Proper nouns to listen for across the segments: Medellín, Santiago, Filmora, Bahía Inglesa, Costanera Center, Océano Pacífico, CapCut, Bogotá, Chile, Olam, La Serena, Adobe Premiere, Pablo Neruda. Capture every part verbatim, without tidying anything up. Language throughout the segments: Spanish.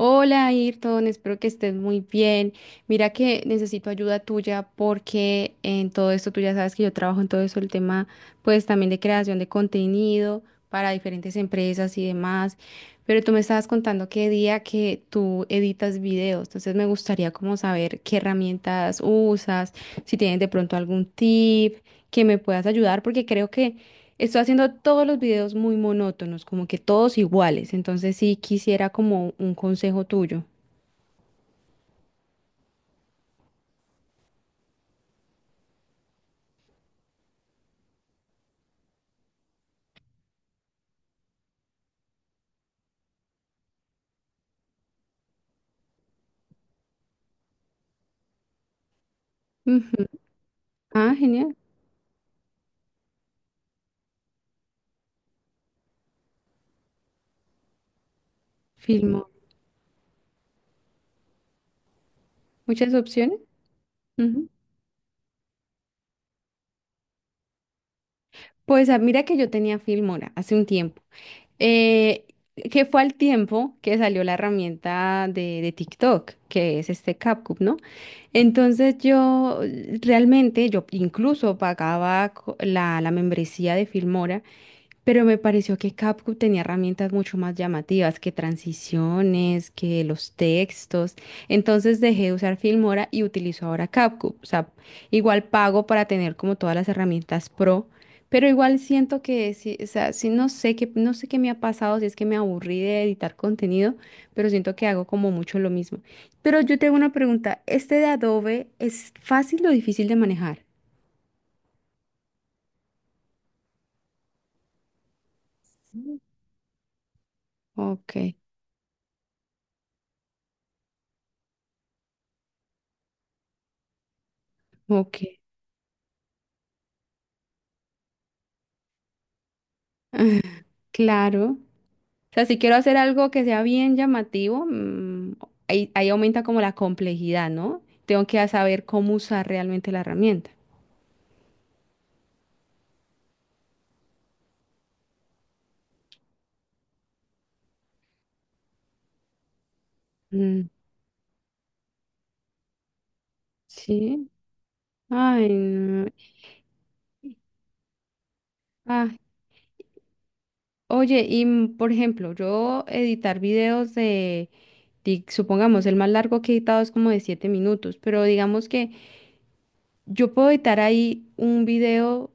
Hola Ayrton, espero que estés muy bien. Mira que necesito ayuda tuya porque en todo esto tú ya sabes que yo trabajo en todo eso, el tema pues también de creación de contenido para diferentes empresas y demás, pero tú me estabas contando qué día que tú editas videos, entonces me gustaría como saber qué herramientas usas, si tienes de pronto algún tip que me puedas ayudar porque creo que estoy haciendo todos los videos muy monótonos, como que todos iguales. Entonces sí quisiera como un consejo tuyo. Ujú. Ah, genial. Filmo. Muchas opciones. Ujú. Pues ah, mira que yo tenía Filmora hace un tiempo. Eh, que fue al tiempo que salió la herramienta de, de TikTok, que es este CapCut, ¿no? Entonces yo eh, realmente, yo incluso pagaba co- la, la membresía de Filmora. Pero me pareció que CapCut tenía herramientas mucho más llamativas que transiciones, que los textos. Entonces dejé de usar Filmora y utilizo ahora CapCut. O sea, igual pago para tener como todas las herramientas pro, pero igual siento que sí, o sea, sí no sé qué, no sé qué me ha pasado, si es que me aburrí de editar contenido, pero siento que hago como mucho lo mismo. Pero yo tengo una pregunta, ¿este de Adobe es fácil o difícil de manejar? Ok, ok, claro. O sea, si quiero hacer algo que sea bien llamativo, mm, ahí, ahí aumenta como la complejidad, ¿no? Tengo que saber cómo usar realmente la herramienta. Mm, sí. Ay, no. Ah, oye, y mm, por ejemplo, yo editar videos de, di- supongamos, el más largo que he editado es como de siete minutos, pero digamos que yo puedo editar ahí un video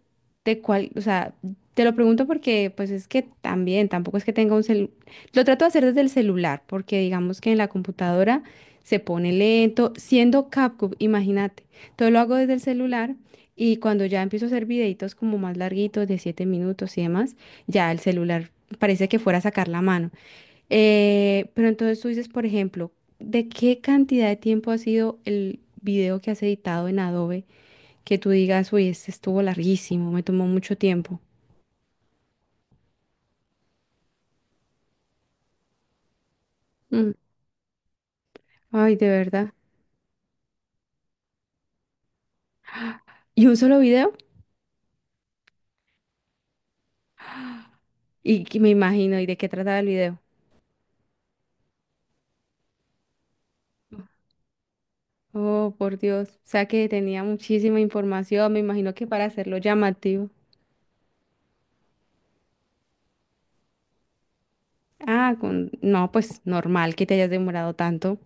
de cual, o sea, te lo pregunto porque pues es que también, tampoco es que tenga un celular. Lo trato de hacer desde el celular porque digamos que en la computadora se pone lento, siendo CapCut, imagínate. Todo lo hago desde el celular y cuando ya empiezo a hacer videitos como más larguitos, de siete minutos y demás, ya el celular parece que fuera a sacar la mano. Eh, pero entonces tú dices, por ejemplo, ¿de qué cantidad de tiempo ha sido el video que has editado en Adobe? Que tú digas, uy, este estuvo larguísimo, me tomó mucho tiempo. Mm, ay, de verdad. ¿Y un solo video? Y que me imagino, ¿y de qué trataba el video? Oh, por Dios. O sea que tenía muchísima información, me imagino que para hacerlo llamativo. Ah, con... no, pues normal que te hayas demorado tanto,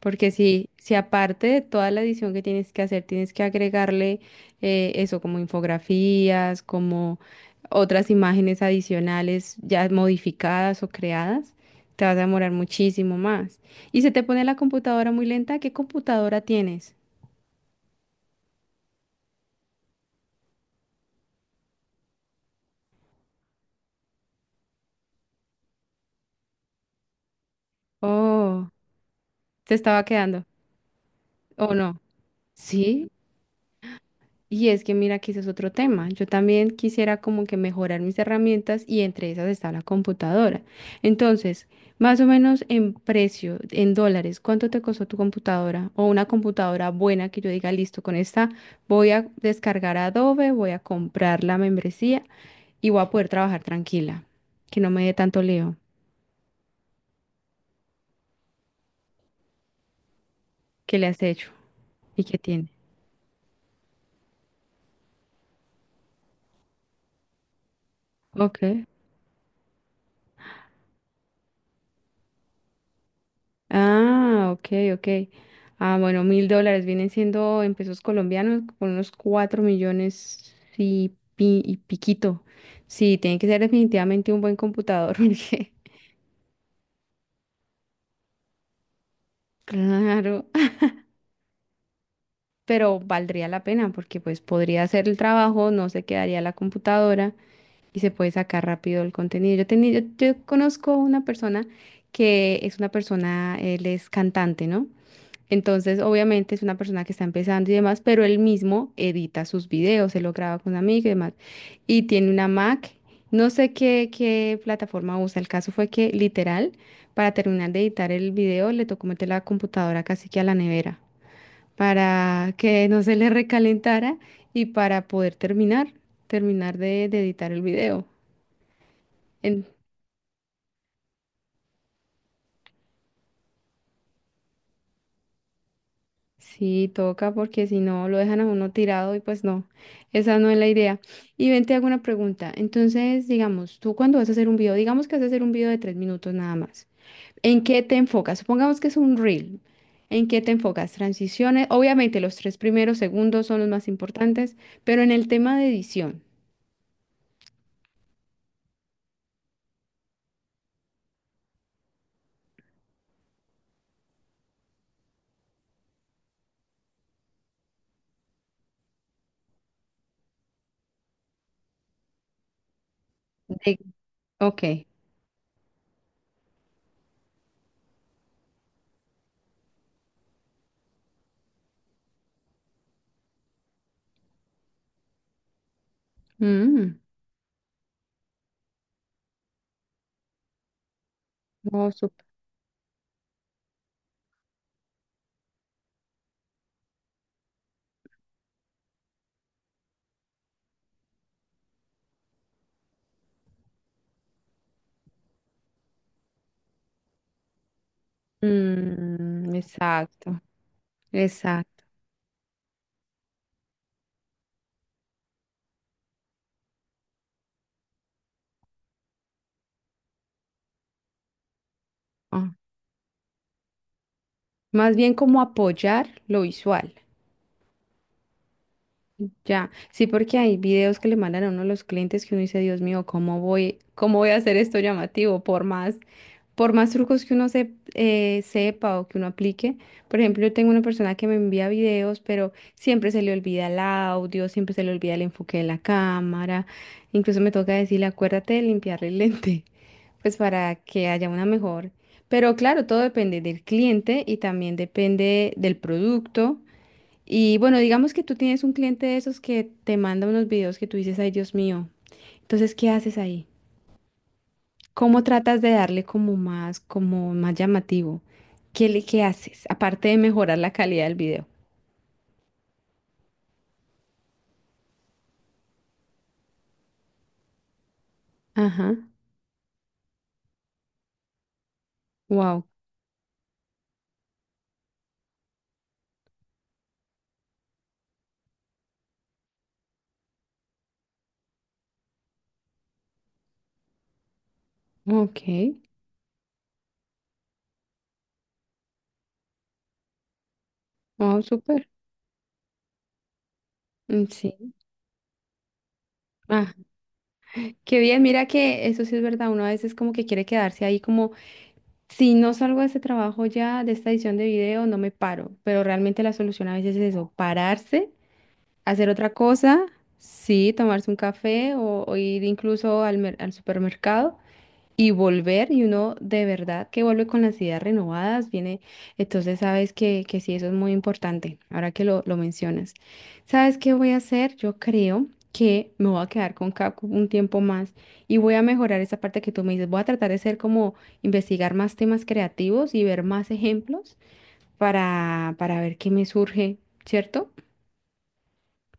porque si, si aparte de toda la edición que tienes que hacer, tienes que agregarle eh, eso como infografías, como otras imágenes adicionales ya modificadas o creadas, te vas a demorar muchísimo más. Y se te pone la computadora muy lenta, ¿qué computadora tienes? Oh, te estaba quedando, ¿o no? Sí, y es que mira que ese es otro tema. Yo también quisiera como que mejorar mis herramientas y entre esas está la computadora. Entonces, más o menos en precio, en dólares, ¿cuánto te costó tu computadora? O una computadora buena que yo diga, listo, con esta voy a descargar Adobe, voy a comprar la membresía y voy a poder trabajar tranquila, que no me dé tanto lío. ¿Qué le has hecho? ¿Y qué tiene? Ok. Ah, ok, ok. Ah, bueno, mil dólares vienen siendo en pesos colombianos con unos cuatro millones y, pi- y piquito. Sí, tiene que ser definitivamente un buen computador, porque claro, pero valdría la pena porque pues podría hacer el trabajo, no se quedaría la computadora y se puede sacar rápido el contenido. Yo tenía, yo, yo conozco una persona que es una persona, él es cantante, ¿no? Entonces, obviamente es una persona que está empezando y demás, pero él mismo edita sus videos, él lo graba con amigos y demás. Y tiene una Mac, no sé qué, qué, plataforma usa. El caso fue que literal, para terminar de editar el video, le tocó meter la computadora casi que a la nevera para que no se le recalentara y para poder terminar, terminar de, de editar el video. Sí, toca porque si no lo dejan a uno tirado y pues no, esa no es la idea. Y ven, te hago una pregunta. Entonces, digamos, tú cuando vas a hacer un video, digamos que vas a hacer un video de tres minutos nada más, ¿en qué te enfocas? Supongamos que es un reel. ¿En qué te enfocas? Transiciones, obviamente los tres primeros segundos son los más importantes, pero en el tema de edición. De... Ok. Mm, no, sup- mm, exacto. Exacto. Ah, más bien como apoyar lo visual. Ya, sí, porque hay videos que le mandan a uno de los clientes que uno dice, Dios mío, ¿cómo voy, cómo voy a hacer esto llamativo? Por más, por más trucos que uno se, eh, sepa o que uno aplique. Por ejemplo, yo tengo una persona que me envía videos, pero siempre se le olvida el audio, siempre se le olvida el enfoque de la cámara. Incluso me toca decirle, acuérdate de limpiarle el lente, pues para que haya una mejor. Pero claro, todo depende del cliente y también depende del producto y bueno, digamos que tú tienes un cliente de esos que te manda unos videos que tú dices, ay, Dios mío. Entonces, ¿qué haces ahí? ¿Cómo tratas de darle como más, como más, llamativo? ¿Qué le, qué haces? Aparte de mejorar la calidad del video. Ajá. Wow. Ok. Wow, súper. Mm, sí. Ah, qué bien. Mira que eso sí es verdad. Uno a veces como que quiere quedarse ahí como, si no salgo de este trabajo ya, de esta edición de video, no me paro. Pero realmente la solución a veces es eso, pararse hacer otra cosa, sí, tomarse un café o, o ir incluso al, mer- al supermercado y volver y uno de verdad que vuelve con las ideas renovadas, viene, entonces sabes que, que sí, eso es muy importante, ahora que lo, lo mencionas. ¿Sabes qué voy a hacer? Yo creo que me voy a quedar con Kaku un tiempo más y voy a mejorar esa parte que tú me dices, voy a tratar de ser como investigar más temas creativos y ver más ejemplos para, para ver qué me surge, ¿cierto?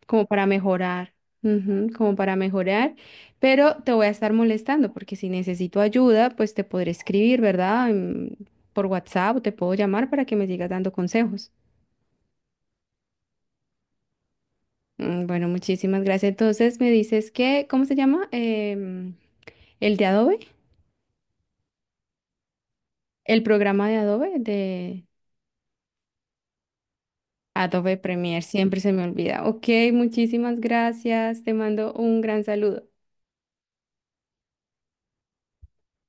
Como para mejorar, ujú, como para mejorar, pero te voy a estar molestando porque si necesito ayuda, pues te podré escribir, ¿verdad? En- Por WhatsApp o te puedo llamar para que me sigas dando consejos. Mm, bueno, muchísimas gracias. Entonces me dices que, ¿cómo se llama? Em, el de Adobe, el programa de Adobe, de Adobe Premiere, siempre se me olvida. Ok, muchísimas gracias. Te mando un gran saludo.